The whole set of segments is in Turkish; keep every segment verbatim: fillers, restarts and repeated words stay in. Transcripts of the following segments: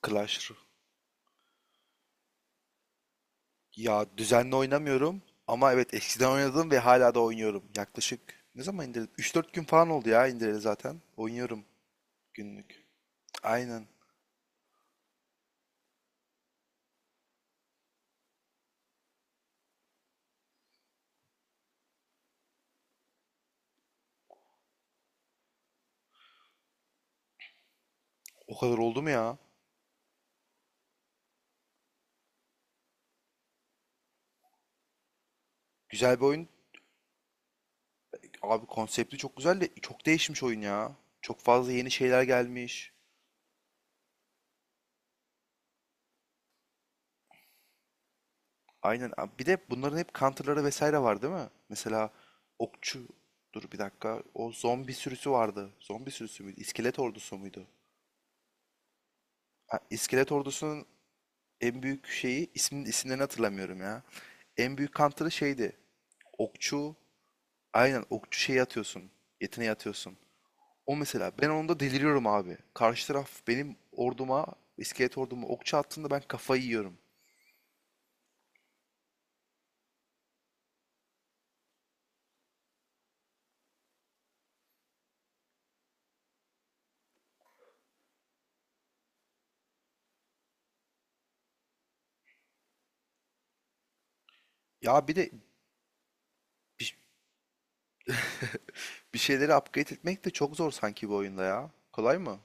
Clash Royale. Ya, düzenli oynamıyorum ama evet eskiden oynadım ve hala da oynuyorum. Yaklaşık ne zaman indirdim? üç dört gün falan oldu ya indireli zaten. Oynuyorum günlük. Aynen. O kadar oldu mu ya? Güzel bir oyun. Abi konsepti çok güzel de çok değişmiş oyun ya. Çok fazla yeni şeyler gelmiş. Aynen. Abi bir de bunların hep counter'ları vesaire var değil mi? Mesela okçu. Dur bir dakika. O zombi sürüsü vardı. Zombi sürüsü müydü? İskelet ordusu muydu? Ha, iskelet ordusunun en büyük şeyi ismin isimlerini hatırlamıyorum ya. En büyük counter'ı şeydi. Okçu. Aynen okçu şeyi atıyorsun. Yeteneği atıyorsun. O mesela ben onda deliriyorum abi. Karşı taraf benim orduma, iskelet orduma okçu attığında ben kafayı yiyorum. Ya bir de bir, bir şeyleri upgrade etmek de çok zor sanki bu oyunda ya. Kolay mı?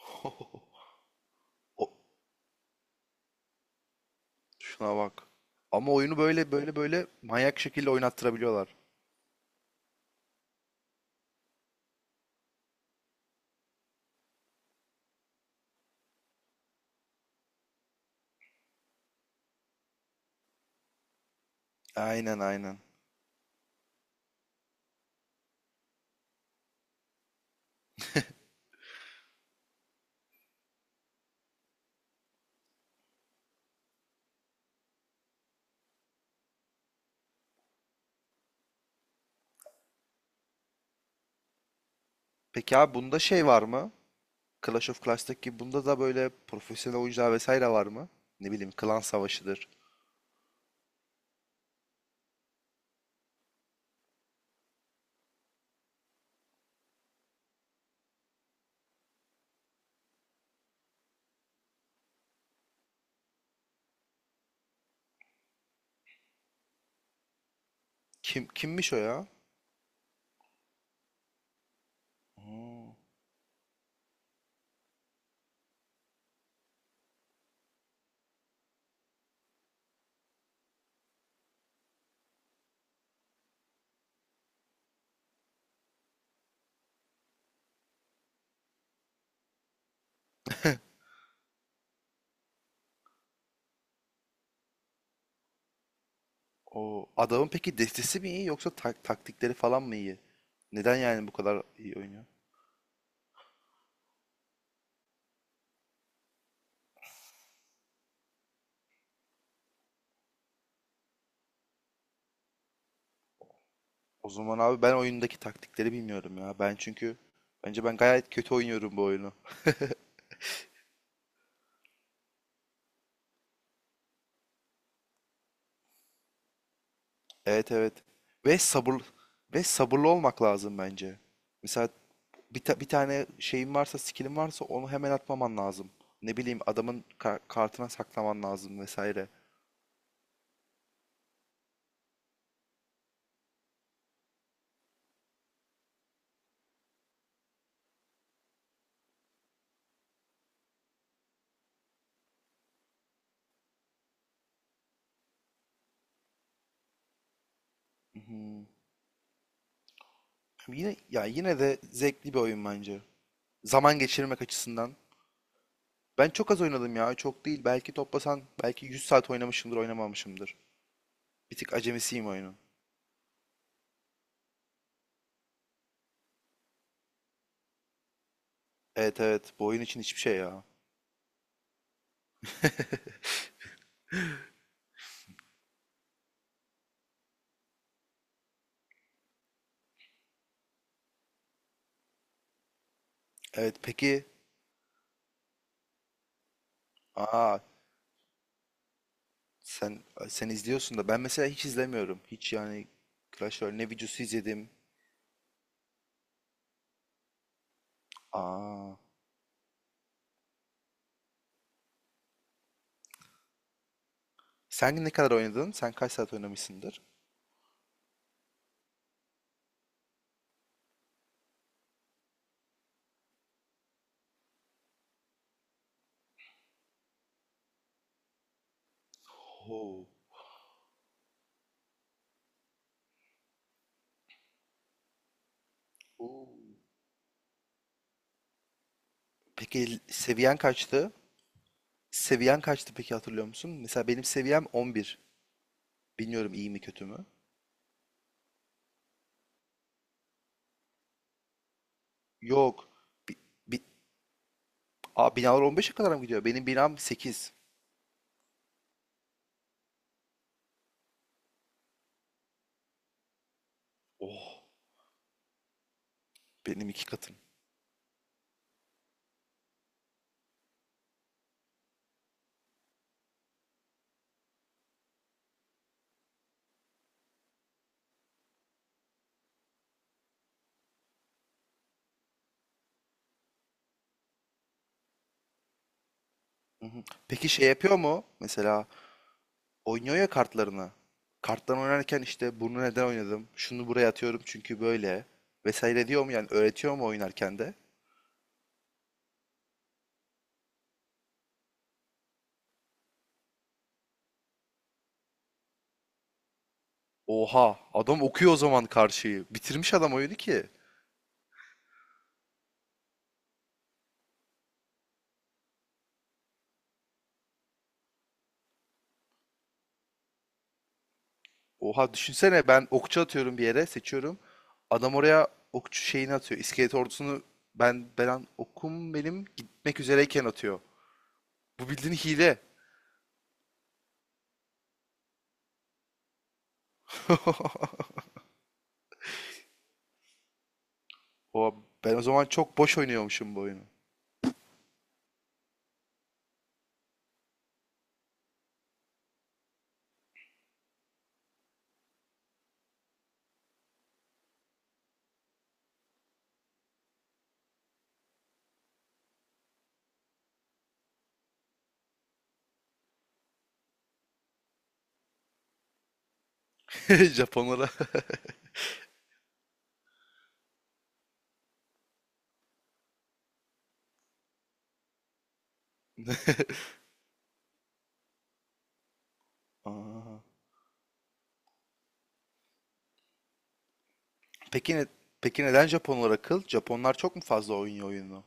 O- Şuna bak. Ama oyunu böyle böyle böyle manyak şekilde oynattırabiliyorlar. Aynen, aynen. Peki abi bunda şey var mı? Clash of Clans'taki gibi bunda da böyle profesyonel oyuncular vesaire var mı? Ne bileyim klan savaşıdır. Kim kimmiş o ya? Hmm. O adamın peki destesi mi iyi yoksa tak- taktikleri falan mı iyi? Neden yani bu kadar iyi oynuyor? O zaman abi ben oyundaki taktikleri bilmiyorum ya. Ben çünkü bence ben gayet kötü oynuyorum bu oyunu. Evet, evet. Ve sabır ve sabırlı olmak lazım bence. Mesela bir, ta- bir tane şeyin varsa, skill'in varsa onu hemen atmaman lazım. Ne bileyim adamın ka- kartına saklaman lazım vesaire. Yine ya yine de zevkli bir oyun bence. Zaman geçirmek açısından. Ben çok az oynadım ya, çok değil. Belki toplasan belki yüz saat oynamışımdır, oynamamışımdır. Bir tık acemisiyim oyunu. Evet, evet, bu oyun için hiçbir şey ya. Evet, peki. Aa. Sen sen izliyorsun da ben mesela hiç izlemiyorum. Hiç yani Clash Royale ne videosu izledim. Aa. Sen ne kadar oynadın? Sen kaç saat oynamışsındır? Oo. Oo. Peki seviyen kaçtı? Seviyen kaçtı peki, hatırlıyor musun? Mesela benim seviyem on bir. Bilmiyorum iyi mi kötü mü? Yok. Bi, bi, Aa, binalar on beşe kadar mı gidiyor? Benim binam sekiz. Oh. Benim iki katım. Hı hı. Peki şey yapıyor mu? Mesela oynuyor ya kartlarını. Karttan oynarken işte bunu neden oynadım? Şunu buraya atıyorum çünkü böyle. Vesaire diyor mu yani, öğretiyor mu oynarken de? Oha, adam okuyor o zaman karşıyı. Bitirmiş adam oyunu ki. Oha, düşünsene ben okçu atıyorum bir yere, seçiyorum. Adam oraya okçu şeyini atıyor. İskelet ordusunu ben ben okum benim gitmek üzereyken atıyor. Bu bildiğin hile. Oha, ben o zaman çok boş oynuyormuşum bu oyunu. Japonlara. Aa. Peki ne, peki neden Japonlar akıl? Japonlar çok mu fazla oynuyor oyunu?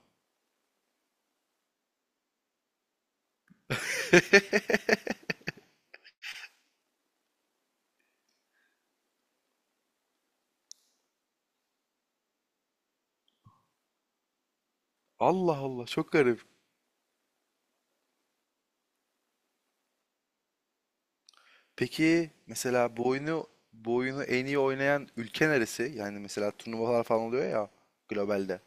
Allah Allah, çok garip. Peki mesela bu oyunu bu oyunu en iyi oynayan ülke neresi? Yani mesela turnuvalar falan oluyor ya globalde.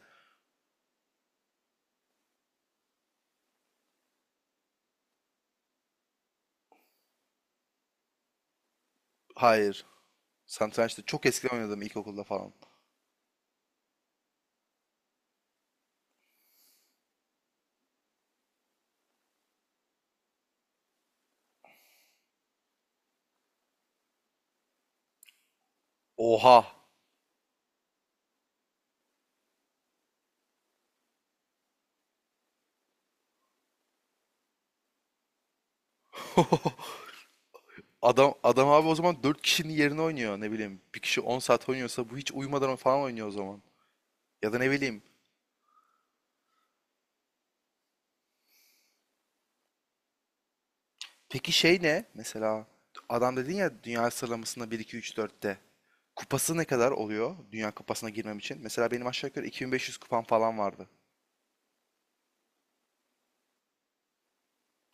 Hayır. Satrançta çok eskiden oynadım, ilkokulda falan. Oha. Adam adam abi, o zaman dört kişinin yerine oynuyor ne bileyim. Bir kişi on saat oynuyorsa bu hiç uyumadan falan oynuyor o zaman. Ya da ne bileyim. Peki şey ne? Mesela adam dedin ya, dünya sıralamasında bir iki üç dörtte. Kupası ne kadar oluyor Dünya Kupası'na girmem için? Mesela benim aşağı yukarı iki bin beş yüz kupam falan vardı.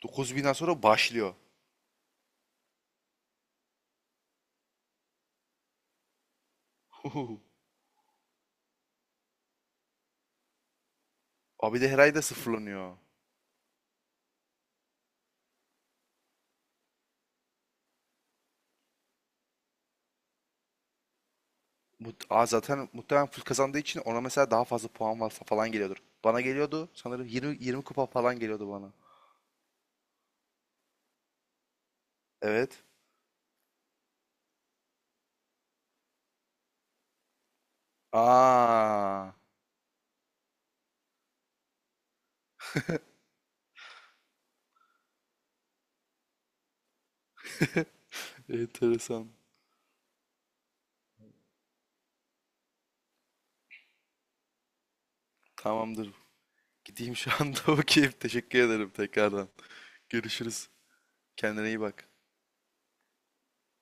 dokuz binden sonra başlıyor. Abi de her ay da sıfırlanıyor. Mut- Aa, zaten muhtemelen full kazandığı için ona mesela daha fazla puan varsa falan geliyordur. Bana geliyordu sanırım yirmi yirmi kupa falan geliyordu bana. Evet. Aa, enteresan. Tamamdır. Gideyim şu anda bakayım. Teşekkür ederim tekrardan. Görüşürüz. Kendine iyi bak.